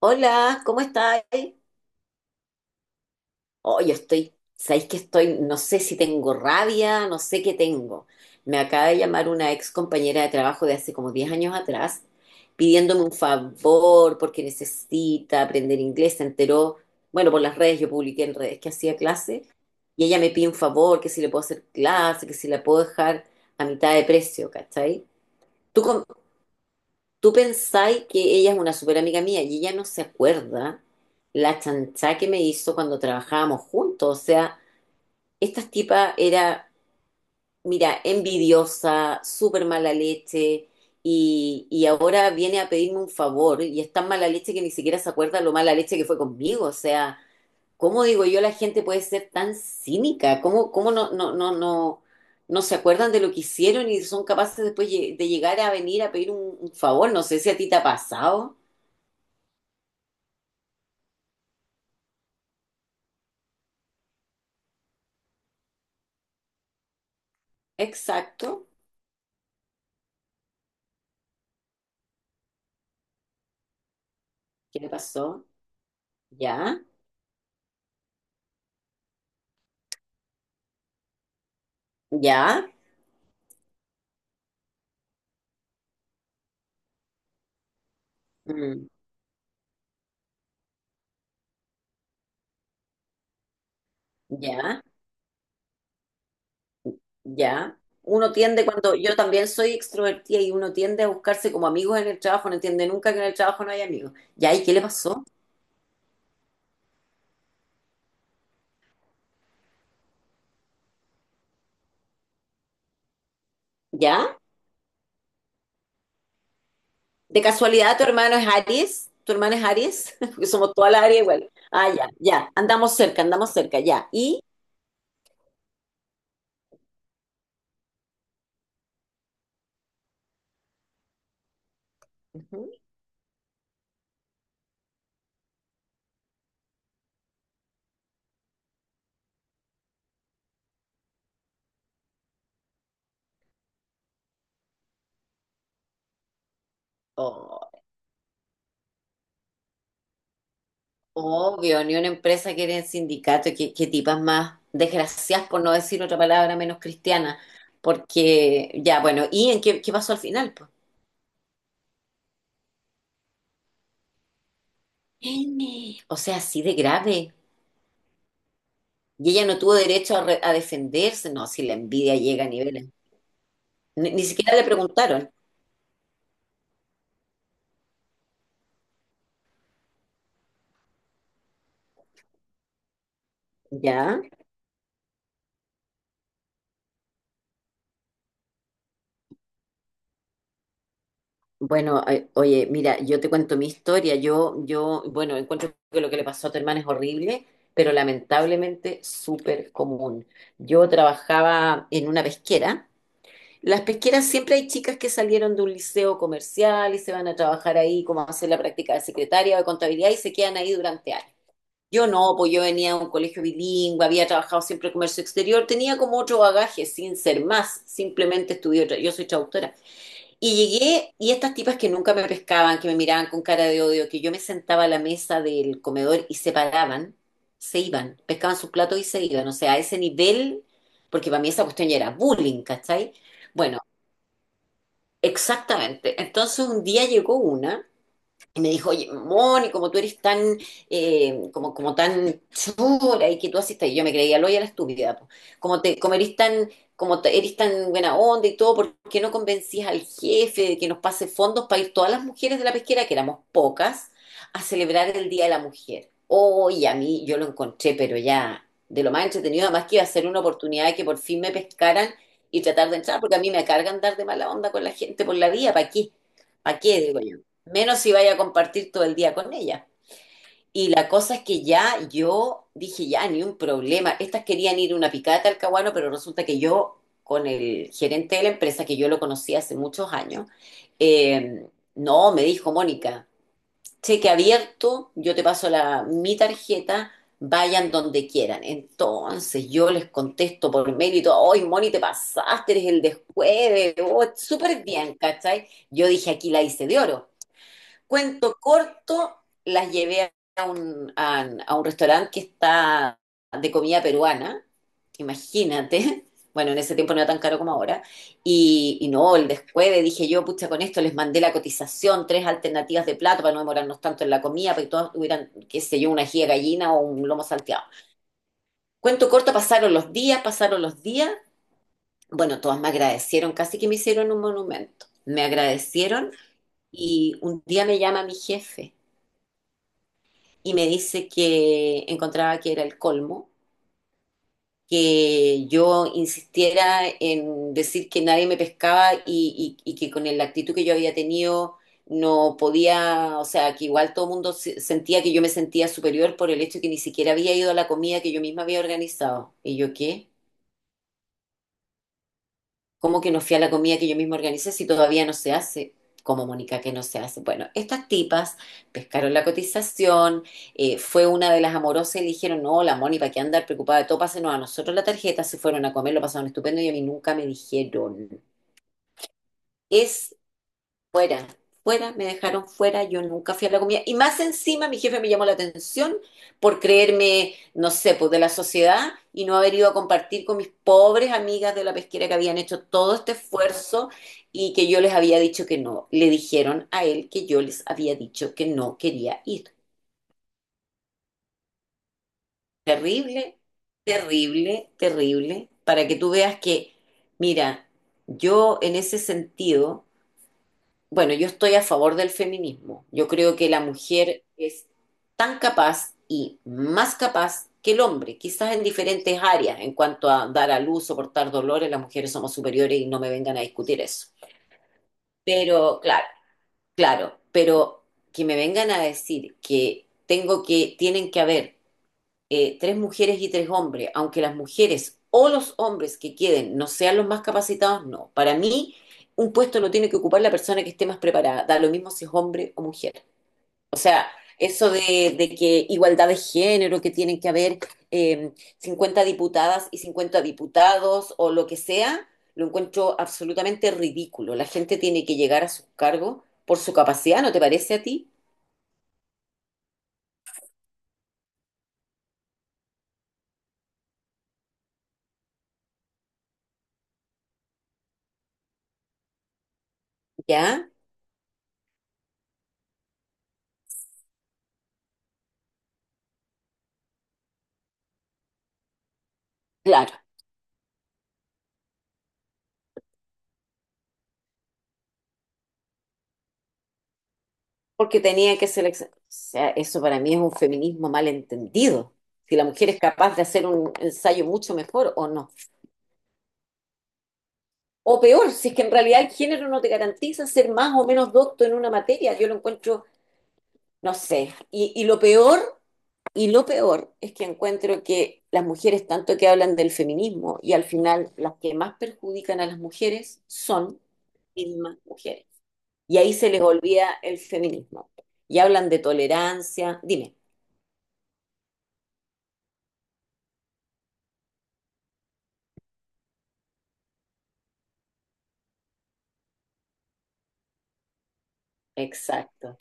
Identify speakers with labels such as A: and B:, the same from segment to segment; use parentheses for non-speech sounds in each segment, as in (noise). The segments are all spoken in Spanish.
A: Hola, ¿cómo estáis? Oh, yo estoy, sabéis que estoy, no sé si tengo rabia, no sé qué tengo. Me acaba de llamar una ex compañera de trabajo de hace como 10 años atrás pidiéndome un favor porque necesita aprender inglés. Se enteró, bueno, por las redes, yo publiqué en redes que hacía clase y ella me pide un favor, que si le puedo hacer clase, que si la puedo dejar a mitad de precio, ¿cachai? ¿Tú, com- Tú pensáis que ella es una súper amiga mía y ella no se acuerda la chanchá que me hizo cuando trabajábamos juntos. O sea, esta tipa era, mira, envidiosa, súper mala leche y ahora viene a pedirme un favor y es tan mala leche que ni siquiera se acuerda lo mala leche que fue conmigo. O sea, ¿cómo digo yo la gente puede ser tan cínica? ¿Cómo no, no, no, no, no se acuerdan de lo que hicieron y son capaces después de llegar a venir a pedir un favor? No sé si a ti te ha pasado. Exacto. ¿Qué le pasó? Ya, ya, mm, ya, ya. Uno tiende cuando yo también soy extrovertida y uno tiende a buscarse como amigos en el trabajo, no entiende nunca que en el trabajo no hay amigos. Ya, ¿y qué le pasó? ¿Ya? ¿De casualidad tu hermano es Aries? ¿Tu hermana es Aries? (laughs) Porque somos toda la área igual. Ah, ya, ya. Andamos cerca, ya. ¿Y? Ujú. Obvio, ni una empresa quiere el sindicato, que tipas más desgraciadas, por no decir otra palabra menos cristiana, porque ya, bueno, ¿y en qué pasó al final pues? N. O sea, así de grave. Y ella no tuvo derecho a, a defenderse, no, si la envidia llega a niveles. Ni siquiera le preguntaron. Ya, bueno, oye, mira, yo te cuento mi historia. Bueno, encuentro que lo que le pasó a tu hermana es horrible, pero lamentablemente súper común. Yo trabajaba en una pesquera. Las pesqueras siempre hay chicas que salieron de un liceo comercial y se van a trabajar ahí como a hacer la práctica de secretaria o de contabilidad y se quedan ahí durante años. Yo no, pues yo venía de un colegio bilingüe, había trabajado siempre en comercio exterior, tenía como otro bagaje sin ser más, simplemente estudié, yo soy traductora. Y llegué y estas tipas que nunca me pescaban, que me miraban con cara de odio, que yo me sentaba a la mesa del comedor y se paraban, se iban, pescaban sus platos y se iban, o sea, a ese nivel, porque para mí esa cuestión ya era bullying, ¿cachai? Bueno, exactamente. Entonces un día llegó una. Y me dijo, oye, Moni, como tú eres tan, como, como tan chula y que tú haces, y yo me creía loya la estúpida, po. Como te, como eres tan, eres tan buena onda y todo, ¿por qué no convencías al jefe de que nos pase fondos para ir todas las mujeres de la pesquera, que éramos pocas, a celebrar el Día de la Mujer? Oye, a mí yo lo encontré, pero ya, de lo más entretenido, además que iba a ser una oportunidad de que por fin me pescaran y tratar de entrar, porque a mí me cargan dar de mala onda con la gente por la vía, ¿para qué? ¿Para qué? Digo yo menos si vaya a compartir todo el día con ella. Y la cosa es que ya yo dije, ya, ni un problema. Estas querían ir a una picada de Caguano, pero resulta que yo, con el gerente de la empresa, que yo lo conocí hace muchos años, eh, no, me dijo Mónica, cheque abierto, yo te paso la, mi tarjeta, vayan donde quieran. Entonces yo les contesto por mail y todo, hoy Moni, te pasaste, eres el de jueves, oh, súper bien, ¿cachai? Yo dije, aquí la hice de oro. Cuento corto, las llevé a un, a un restaurante que está de comida peruana, imagínate. (laughs) Bueno, en ese tiempo no era tan caro como ahora. Y no, el descueve, dije yo, pucha, con esto les mandé la cotización, tres alternativas de plato para no demorarnos tanto en la comida, para que todos tuvieran, qué sé yo, una ají de gallina o un lomo salteado. Cuento corto, pasaron los días, pasaron los días. Bueno, todas me agradecieron, casi que me hicieron un monumento. Me agradecieron y un día me llama mi jefe y me dice que encontraba que era el colmo, que yo insistiera en decir que nadie me pescaba y, y que con la actitud que yo había tenido no podía, o sea, que igual todo el mundo sentía que yo me sentía superior por el hecho de que ni siquiera había ido a la comida que yo misma había organizado. ¿Y yo qué? ¿Cómo que no fui a la comida que yo misma organicé si todavía no se hace? Como Mónica, que no se hace. Bueno, estas tipas pescaron la cotización, fue una de las amorosas y le dijeron, no, la Mónica, ¿para qué andar preocupada de todo? Pásenos a nosotros la tarjeta, se fueron a comer, lo pasaron estupendo y a mí nunca me dijeron. Es Fuera, fuera, me dejaron fuera, yo nunca fui a la comida. Y más encima mi jefe me llamó la atención por creerme, no sé, pues de la sociedad y no haber ido a compartir con mis pobres amigas de la pesquera que habían hecho todo este esfuerzo y que yo les había dicho que no. Le dijeron a él que yo les había dicho que no quería ir. Terrible, terrible, terrible, para que tú veas que, mira, yo en ese sentido, bueno, yo estoy a favor del feminismo. Yo creo que la mujer es tan capaz y más capaz que el hombre, quizás en diferentes áreas, en cuanto a dar a luz, soportar dolores, las mujeres somos superiores y no me vengan a discutir eso. Pero, claro, claro, pero que me vengan a decir que tengo que, tienen que haber tres mujeres y tres hombres, aunque las mujeres o los hombres que queden no sean los más capacitados, no. Para mí, un puesto lo tiene que ocupar la persona que esté más preparada, da lo mismo si es hombre o mujer. O sea, eso de que igualdad de género, que tienen que haber eh, 50 diputadas y 50 diputados o lo que sea, lo encuentro absolutamente ridículo. La gente tiene que llegar a sus cargos por su capacidad, ¿no te parece a ti? ¿Ya? Claro. Porque tenía que seleccionar. O sea, eso para mí es un feminismo mal entendido. Si la mujer es capaz de hacer un ensayo mucho mejor o no. O peor, si es que en realidad el género no te garantiza ser más o menos docto en una materia. Yo lo encuentro, no sé. Y lo peor, y lo peor es que encuentro que las mujeres tanto que hablan del feminismo y al final las que más perjudican a las mujeres son las mismas mujeres. Y ahí se les olvida el feminismo. Y hablan de tolerancia. Dime. Exacto.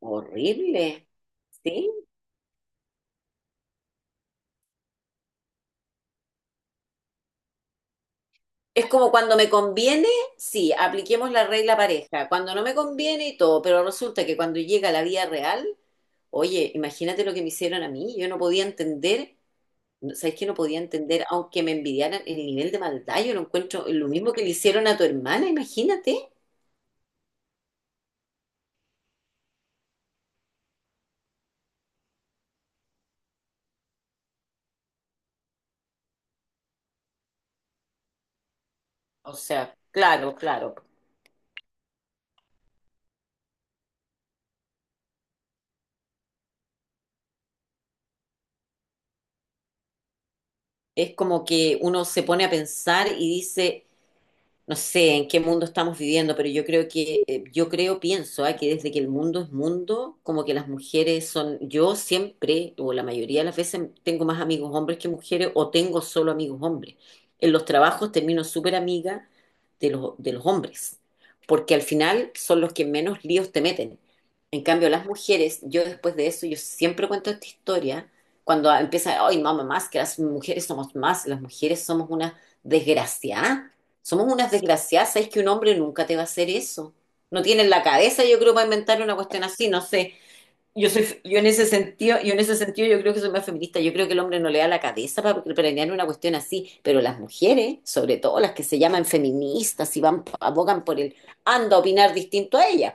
A: Horrible. ¿Sí? Es como cuando me conviene, sí, apliquemos la regla pareja. Cuando no me conviene y todo, pero resulta que cuando llega la vida real, oye, imagínate lo que me hicieron a mí. Yo no podía entender, ¿sabes qué? No podía entender, aunque me envidiaran el nivel de maldad, yo lo encuentro lo mismo que le hicieron a tu hermana, imagínate. O sea, claro, claro. Es como que uno se pone a pensar y dice no sé en qué mundo estamos viviendo, pero yo creo que, yo creo, pienso, ah, que desde que el mundo es mundo, como que las mujeres son, yo siempre, o la mayoría de las veces, tengo más amigos hombres que mujeres, o tengo solo amigos hombres. En los trabajos termino súper amiga de los hombres, porque al final son los que menos líos te meten. En cambio, las mujeres, yo después de eso, yo siempre cuento esta historia, cuando empieza, ay, mamá, más que las mujeres somos más, las mujeres somos una desgraciada, somos unas desgraciadas, es que un hombre nunca te va a hacer eso. No tienen la cabeza, yo creo, para inventar una cuestión así, no sé. Yo soy, yo en ese sentido yo creo que soy más feminista. Yo creo que el hombre no le da la cabeza para planear una cuestión así, pero las mujeres, sobre todo las que se llaman feministas y van abogan por el anda a opinar distinto a ellas,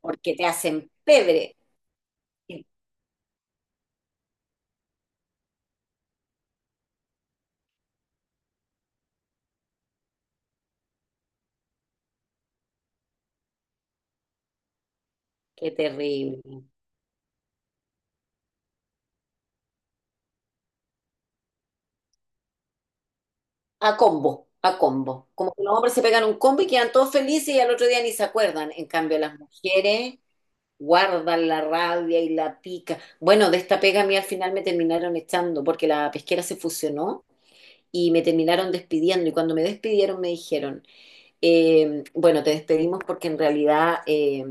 A: porque te hacen pebre. Qué terrible. A combo, a combo. Como que los hombres se pegan un combo y quedan todos felices y al otro día ni se acuerdan. En cambio, las mujeres guardan la rabia y la pica. Bueno, de esta pega a mí al final me terminaron echando porque la pesquera se fusionó y me terminaron despidiendo. Y cuando me despidieron me dijeron, bueno, te despedimos porque en realidad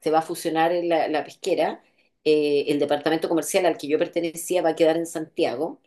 A: se va a fusionar en la pesquera. El departamento comercial al que yo pertenecía va a quedar en Santiago,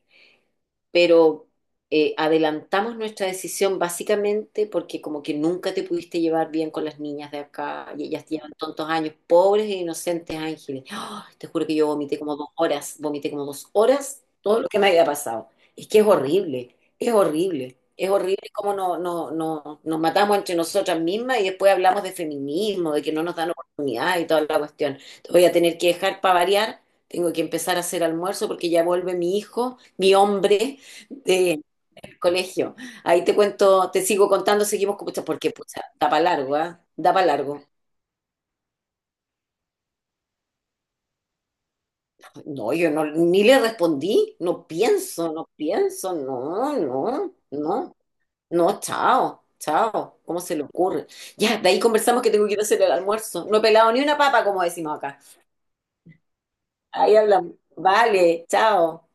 A: pero adelantamos nuestra decisión básicamente porque como que nunca te pudiste llevar bien con las niñas de acá y ellas llevan tantos años, pobres e inocentes ángeles. ¡Ah! Te juro que yo vomité como 2 horas, vomité como dos horas todo lo que me había pasado. Es que es horrible, es horrible, es horrible cómo no, no, no, nos matamos entre nosotras mismas y después hablamos de feminismo, de que no nos dan oportunidad y toda la cuestión. Te voy a tener que dejar para variar. Tengo que empezar a hacer almuerzo porque ya vuelve mi hijo, mi hombre, sí, el colegio. Ahí te cuento, te sigo contando, seguimos con pucha, porque pucha, da para largo, ¿ah? Da para largo. No, yo no, ni le respondí, no pienso, no pienso, no, no, no, no, chao, chao, ¿cómo se le ocurre? Ya, de ahí conversamos que tengo que ir a hacer el almuerzo. No he pelado ni una papa, como decimos acá. Ahí hablamos. Vale, chao.